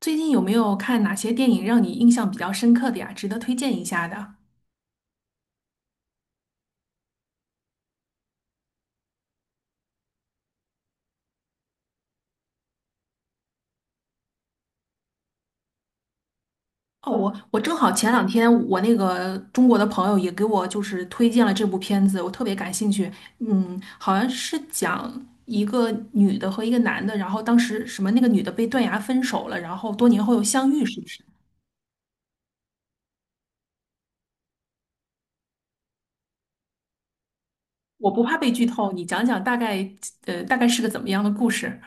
最近有没有看哪些电影让你印象比较深刻的呀？值得推荐一下的？哦，我正好前两天我那个中国的朋友也给我就是推荐了这部片子，我特别感兴趣。嗯，好像是讲一个女的和一个男的，然后当时什么那个女的被断崖分手了，然后多年后又相遇，是不是？我不怕被剧透，你讲讲大概，大概是个怎么样的故事？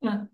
嗯，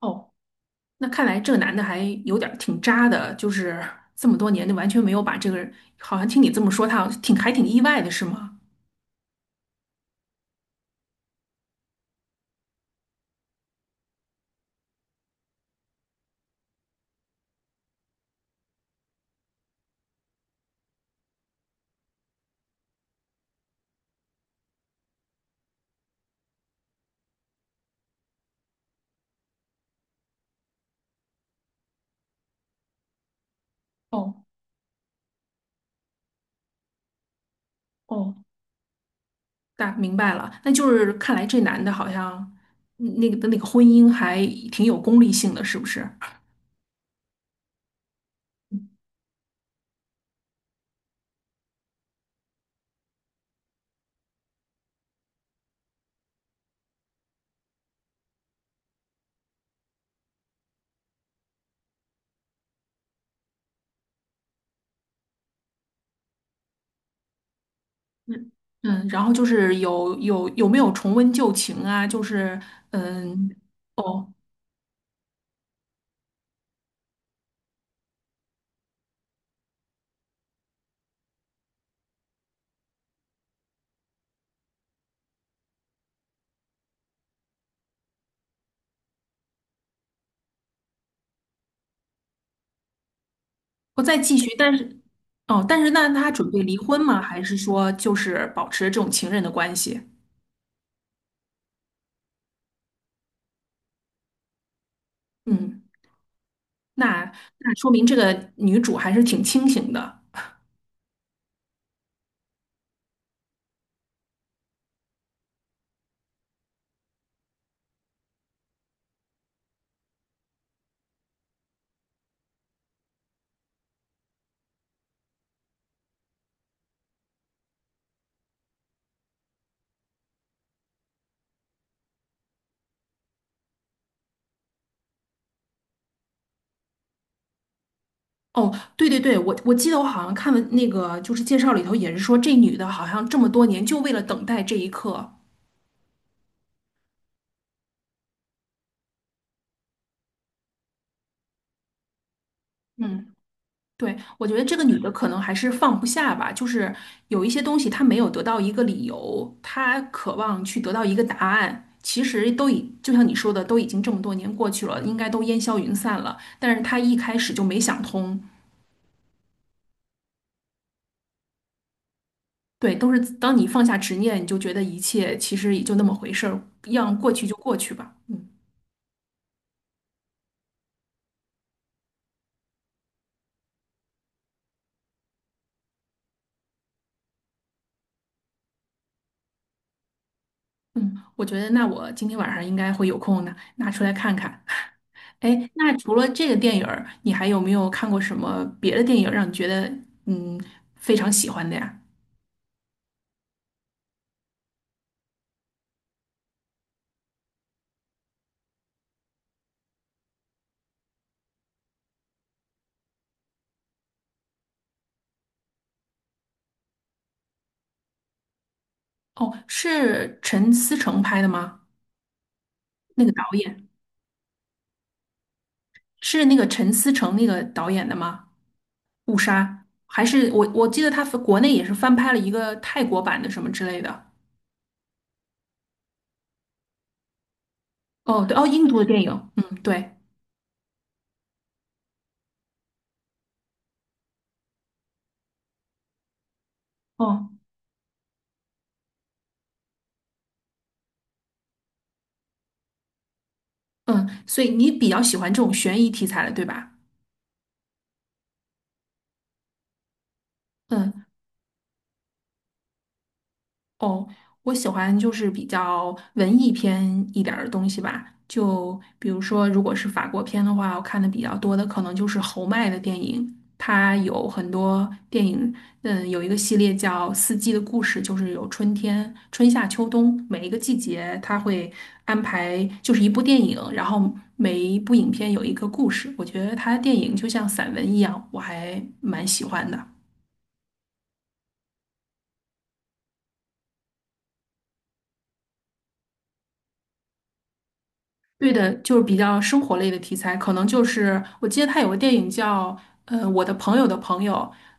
哦。那看来这个男的还有点儿挺渣的，就是这么多年就完全没有把这个人，好像听你这么说，他好像挺意外的，是吗？哦哦，大明白了，那就是看来这男的好像嗯那个的那个婚姻还挺有功利性的，是不是？嗯嗯，然后就是有没有重温旧情啊？就是。嗯哦，不再继续，但是。哦，但是那他准备离婚吗？还是说就是保持这种情人的关系？嗯。那那说明这个女主还是挺清醒的。哦，对对对，我记得我好像看了那个就是介绍里头也是说这女的好像这么多年就为了等待这一刻。嗯，对，我觉得这个女的可能还是放不下吧，就是有一些东西她没有得到一个理由，她渴望去得到一个答案。其实就像你说的，都已经这么多年过去了，应该都烟消云散了，但是她一开始就没想通。对，都是当你放下执念，你就觉得一切其实也就那么回事儿，让过去就过去吧。嗯嗯，我觉得那我今天晚上应该会有空的，拿出来看看。哎，那除了这个电影儿，你还有没有看过什么别的电影儿让你觉得嗯非常喜欢的呀？哦，是陈思诚拍的吗？那个导演是那个陈思诚那个导演的吗？《误杀》还是我记得他国内也是翻拍了一个泰国版的什么之类的。哦，对，哦，印度的电影，嗯，对。哦，嗯，所以你比较喜欢这种悬疑题材的，对吧？嗯，哦，我喜欢就是比较文艺片一点儿的东西吧，就比如说，如果是法国片的话，我看的比较多的可能就是侯麦的电影，他有很多电影。嗯，有一个系列叫《四季的故事》，就是有春天、春夏秋冬，每一个季节他会安排就是一部电影，然后每一部影片有一个故事，我觉得他的电影就像散文一样，我还蛮喜欢的。对的，就是比较生活类的题材，可能就是我记得他有个电影叫《我的朋友的朋友》。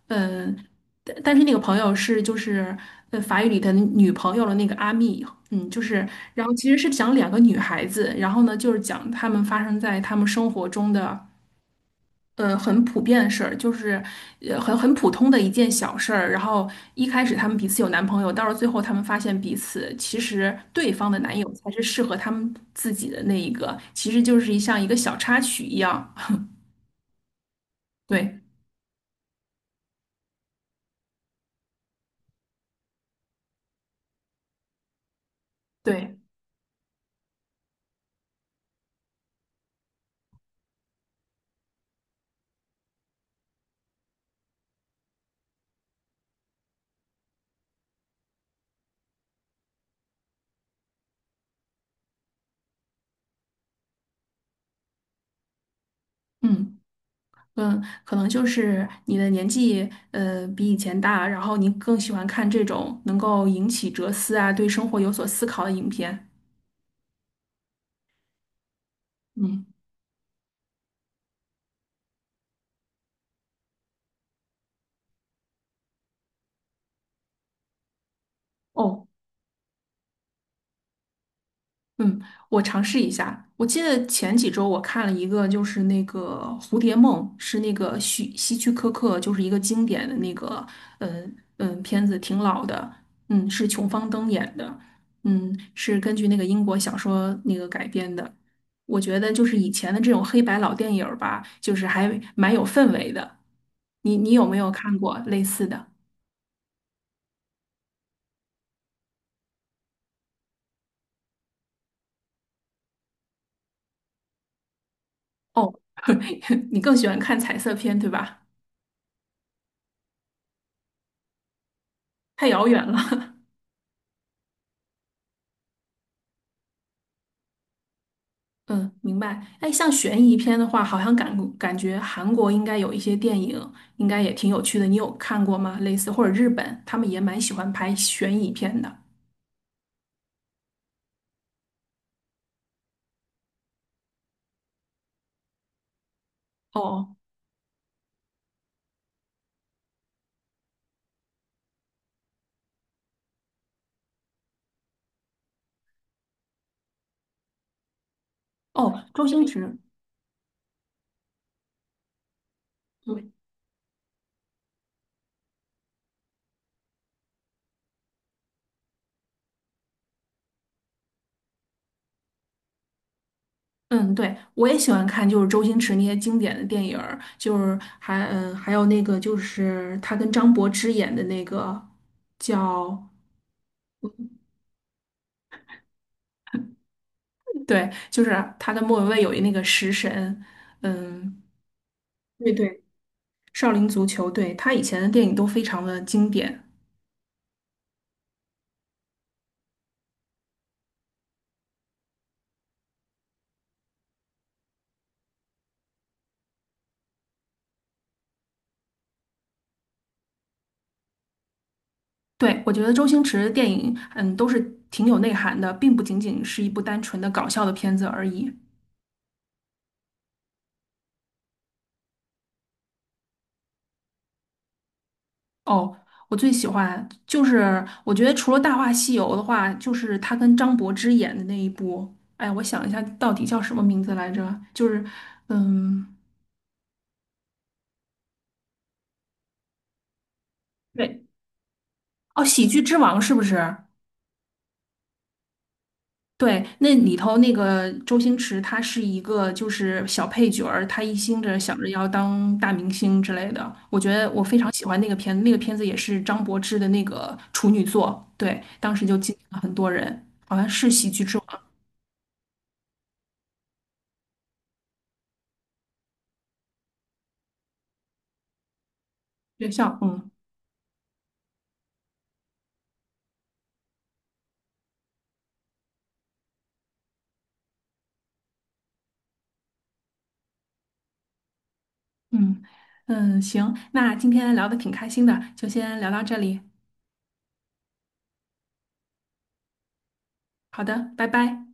嗯、但是那个朋友是就是法语里的女朋友的那个阿蜜，嗯，就是然后其实是讲两个女孩子，然后呢就是讲她们发生在她们生活中的。很普遍的事儿，就是很普通的一件小事儿。然后一开始他们彼此有男朋友，到了最后他们发现彼此其实对方的男友才是适合他们自己的那一个，其实就是一个小插曲一样。对对，嗯嗯，可能就是你的年纪比以前大，然后你更喜欢看这种能够引起哲思啊，对生活有所思考的影片。嗯，哦。嗯，我尝试一下。我记得前几周我看了一个，就是那个《蝴蝶梦》，是那个希区柯克，就是一个经典的那个。嗯嗯，片子挺老的，嗯，是琼芳登演的，嗯，是根据那个英国小说那个改编的。我觉得就是以前的这种黑白老电影儿吧，就是还蛮有氛围的。你有没有看过类似的？哦，你更喜欢看彩色片，对吧？太遥远了。嗯，明白。哎，像悬疑片的话，好像感觉韩国应该有一些电影，应该也挺有趣的。你有看过吗？类似或者日本，他们也蛮喜欢拍悬疑片的。哦哦，周星驰。对，嗯，对，我也喜欢看，就是周星驰那些经典的电影儿，就是还嗯，还有那个就是他跟张柏芝演的那个叫，对，就是他跟莫文蔚有一那个食神，嗯。对对，少林足球，对，他以前的电影都非常的经典。对，我觉得周星驰的电影，嗯，都是挺有内涵的，并不仅仅是一部单纯的搞笑的片子而已。哦，我最喜欢就是我觉得除了《大话西游》的话，就是他跟张柏芝演的那一部。哎，我想一下，到底叫什么名字来着？就是。嗯，对，哦，《喜剧之王》是不是？对，那里头那个周星驰，他是一个就是小配角儿，他一心着想着要当大明星之类的。我觉得我非常喜欢那个片子，那个片子也是张柏芝的那个处女作，对，当时就激艳了很多人，去吃我的学校，嗯嗯嗯，行，那今天聊的挺开心的，就先聊到这里，好的，拜拜。